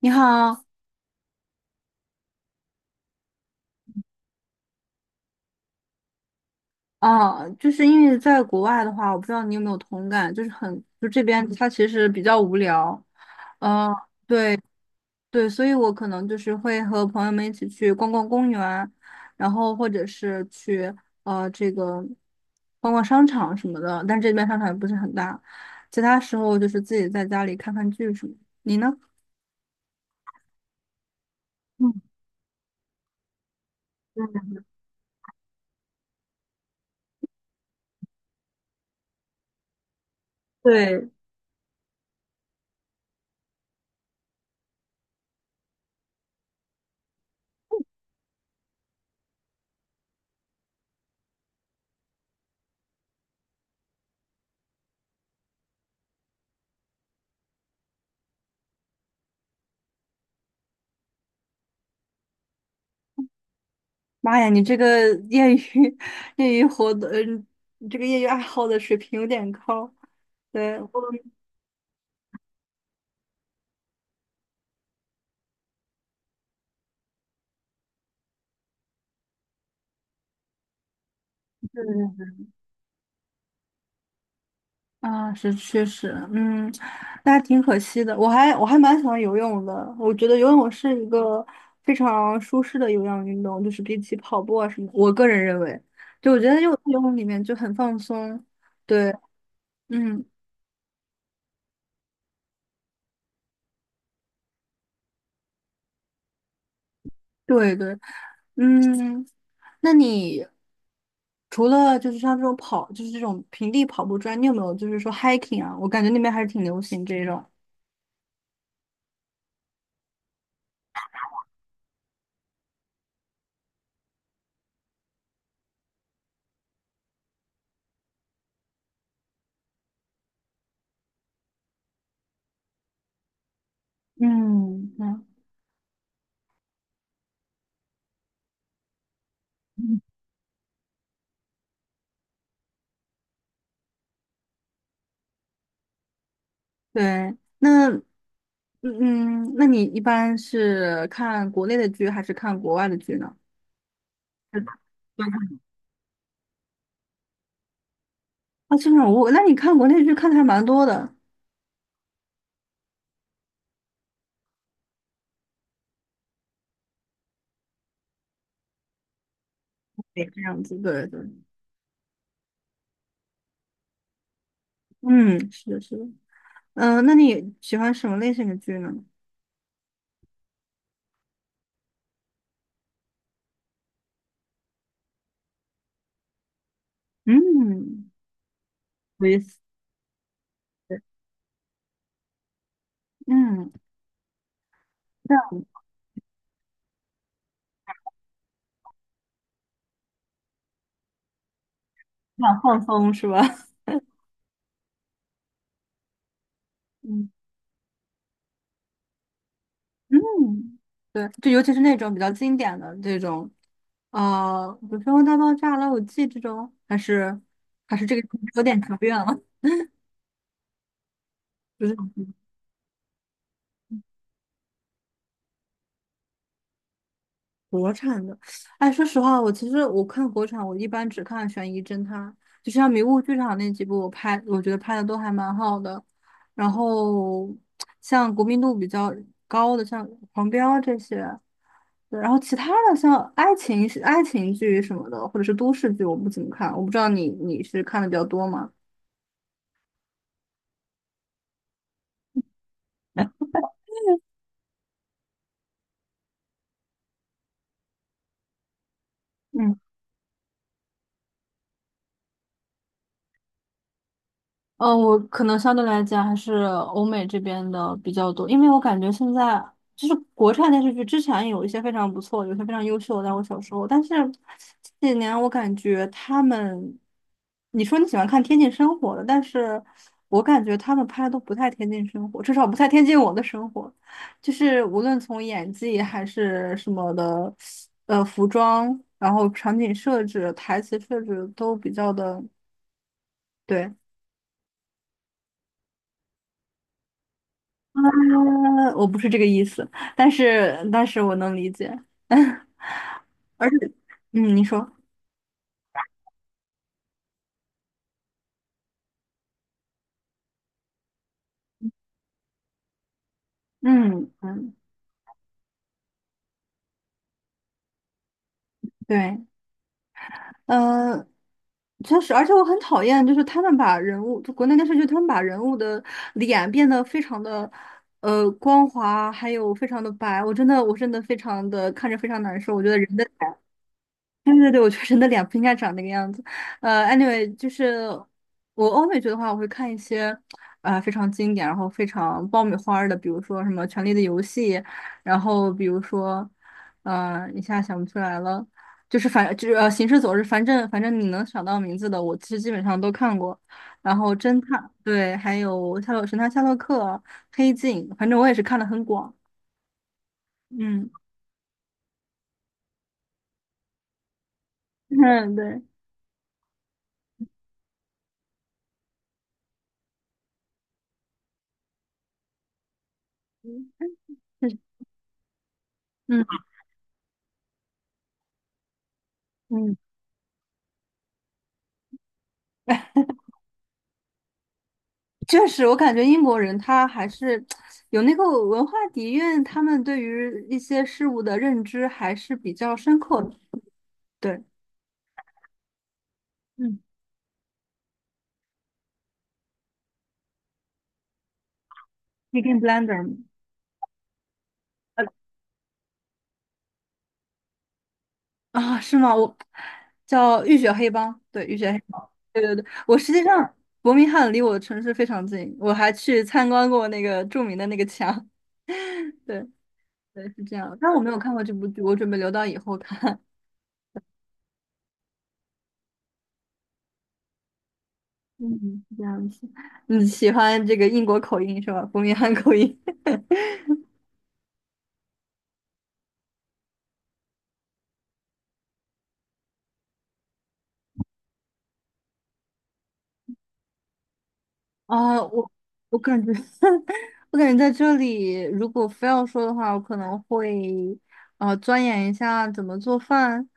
你好。就是因为在国外的话，我不知道你有没有同感，就是很，就这边它其实比较无聊。嗯、对，所以我可能就是会和朋友们一起去逛逛公园，然后或者是去这个逛逛商场什么的，但这边商场也不是很大。其他时候就是自己在家里看看剧什么的，你呢？嗯，对。妈呀，你这个业余 业余活动，嗯，你这个业余爱好的水平有点高。对，我是啊，是确实。嗯，那还挺可惜的。我还蛮喜欢游泳的。我觉得游泳是一个非常舒适的有氧运动，就是比起跑步啊什么，我个人认为，就我觉得就游泳里面就很放松。对。嗯。对对，嗯，那你除了就是像这种跑，就是这种平地跑步之外，你有没有就是说 hiking 啊？我感觉那边还是挺流行这种。嗯，嗯嗯 对。那你一般是看国内的剧还是看国外的剧呢？是的，对啊。这种我，那你看国内剧看的还蛮多的。对，这样子，对对。嗯，是的，是的。嗯、那你喜欢什么类型的剧呢？嗯，我。嗯，这样这样放松是吧？嗯嗯，对，就尤其是那种比较经典的这种，比如说《生活大爆炸》《老友记》这种，还是这个有点久远了。不是？国产的，哎，说实话，其实我看国产，我一般只看悬疑侦探。就像《迷雾剧场》那几部，我觉得拍的都还蛮好的。然后像国民度比较高的，像《狂飙》这些。对，然后其他的像爱情剧什么的，或者是都市剧，我不怎么看。我不知道你是看的比较多吗？嗯。嗯，我可能相对来讲还是欧美这边的比较多。因为我感觉现在就是国产电视剧，之前有一些非常不错，有些非常优秀的，在我小时候，但是这几年我感觉他们，你说你喜欢看贴近生活的，但是我感觉他们拍的都不太贴近生活，至少不太贴近我的生活，就是无论从演技还是什么的，服装，然后场景设置、台词设置都比较的。对。嗯，我不是这个意思，但是我能理解。而且你说。嗯嗯，对，呃，确实。而且我很讨厌，就是他们把人物，就国内电视剧，他们把人物的脸变得非常的光滑，还有非常的白，我真的非常的看着非常难受。我觉得人的，对对对，我觉得人的脸不应该长那个样子。anyway，就是我欧美剧的话，我会看一些非常经典，然后非常爆米花儿的，比如说什么《权力的游戏》。然后比如说一下想不出来了，就是反就是《行尸走肉》。反正你能想到名字的，我其实基本上都看过。然后侦探，对，还有神探夏洛克、黑镜，反正我也是看的很广。嗯。嗯，对，嗯嗯。嗯确实，我感觉英国人他还是有那个文化底蕴，他们对于一些事物的认知还是比较深刻的。对。嗯 b e g i n Blender。 呃啊，是吗？我叫浴血黑帮，对，浴血黑帮，对对对，我实际上伯明翰离我的城市非常近，我还去参观过那个著名的那个墙。对对，是这样。但我没有看过这部剧，我准备留到以后看。嗯，是这样子。你喜欢这个英国口音是吧？伯明翰口音。啊，我感觉，我感觉在这里，如果非要说的话，我可能会钻研一下怎么做饭。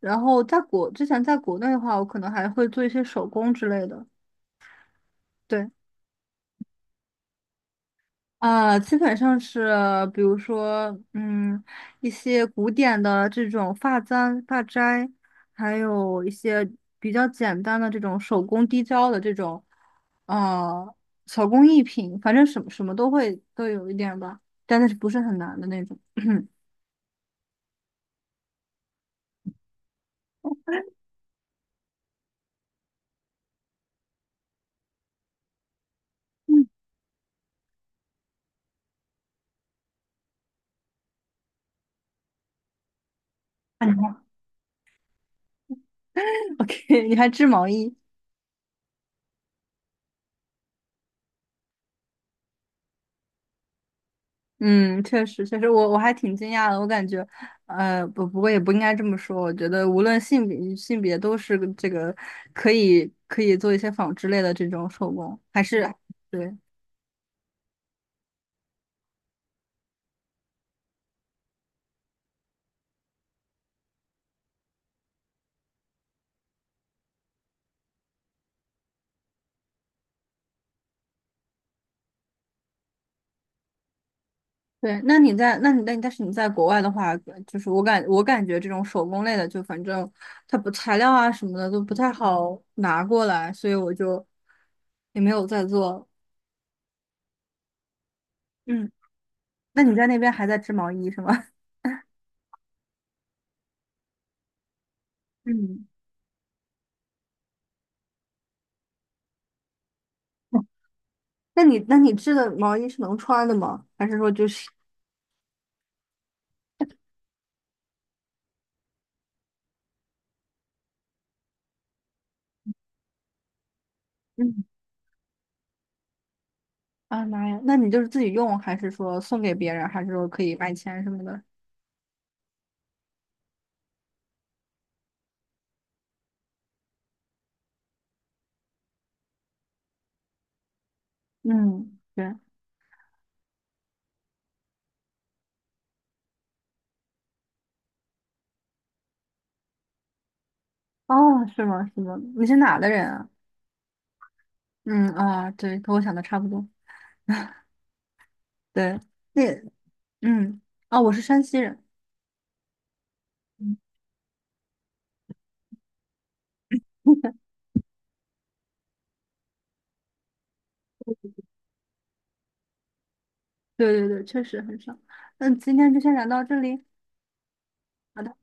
然后之前在国内的话，我可能还会做一些手工之类的。对。啊，基本上是，比如说，嗯，一些古典的这种发簪、发钗，还有一些比较简单的这种手工滴胶的这种，呃，手工艺品，反正什么什么都会都有一点吧，但是不是很难的那种。嗯 o k 你还织毛衣？嗯，确实，确实，我还挺惊讶的。我感觉，不过也不应该这么说。我觉得，无论性别都是个这个可以做一些纺织类的这种手工，还是对对。那你在那你但但是你在国外的话，就是我感觉这种手工类的，就反正它不材料啊什么的都不太好拿过来，所以我就也没有再做。嗯，那你在那边还在织毛衣是吗？嗯那你织的毛衣是能穿的吗？还是说就是，嗯，啊妈呀，那你就是自己用，还是说送给别人，还是说可以卖钱什么的？嗯，对，哦，是吗？是吗？你是哪的人啊？嗯啊，对，和我想的差不多。对，那嗯，哦，我是山西人。嗯，对对对，确实很少。那今天就先聊到这里。好的。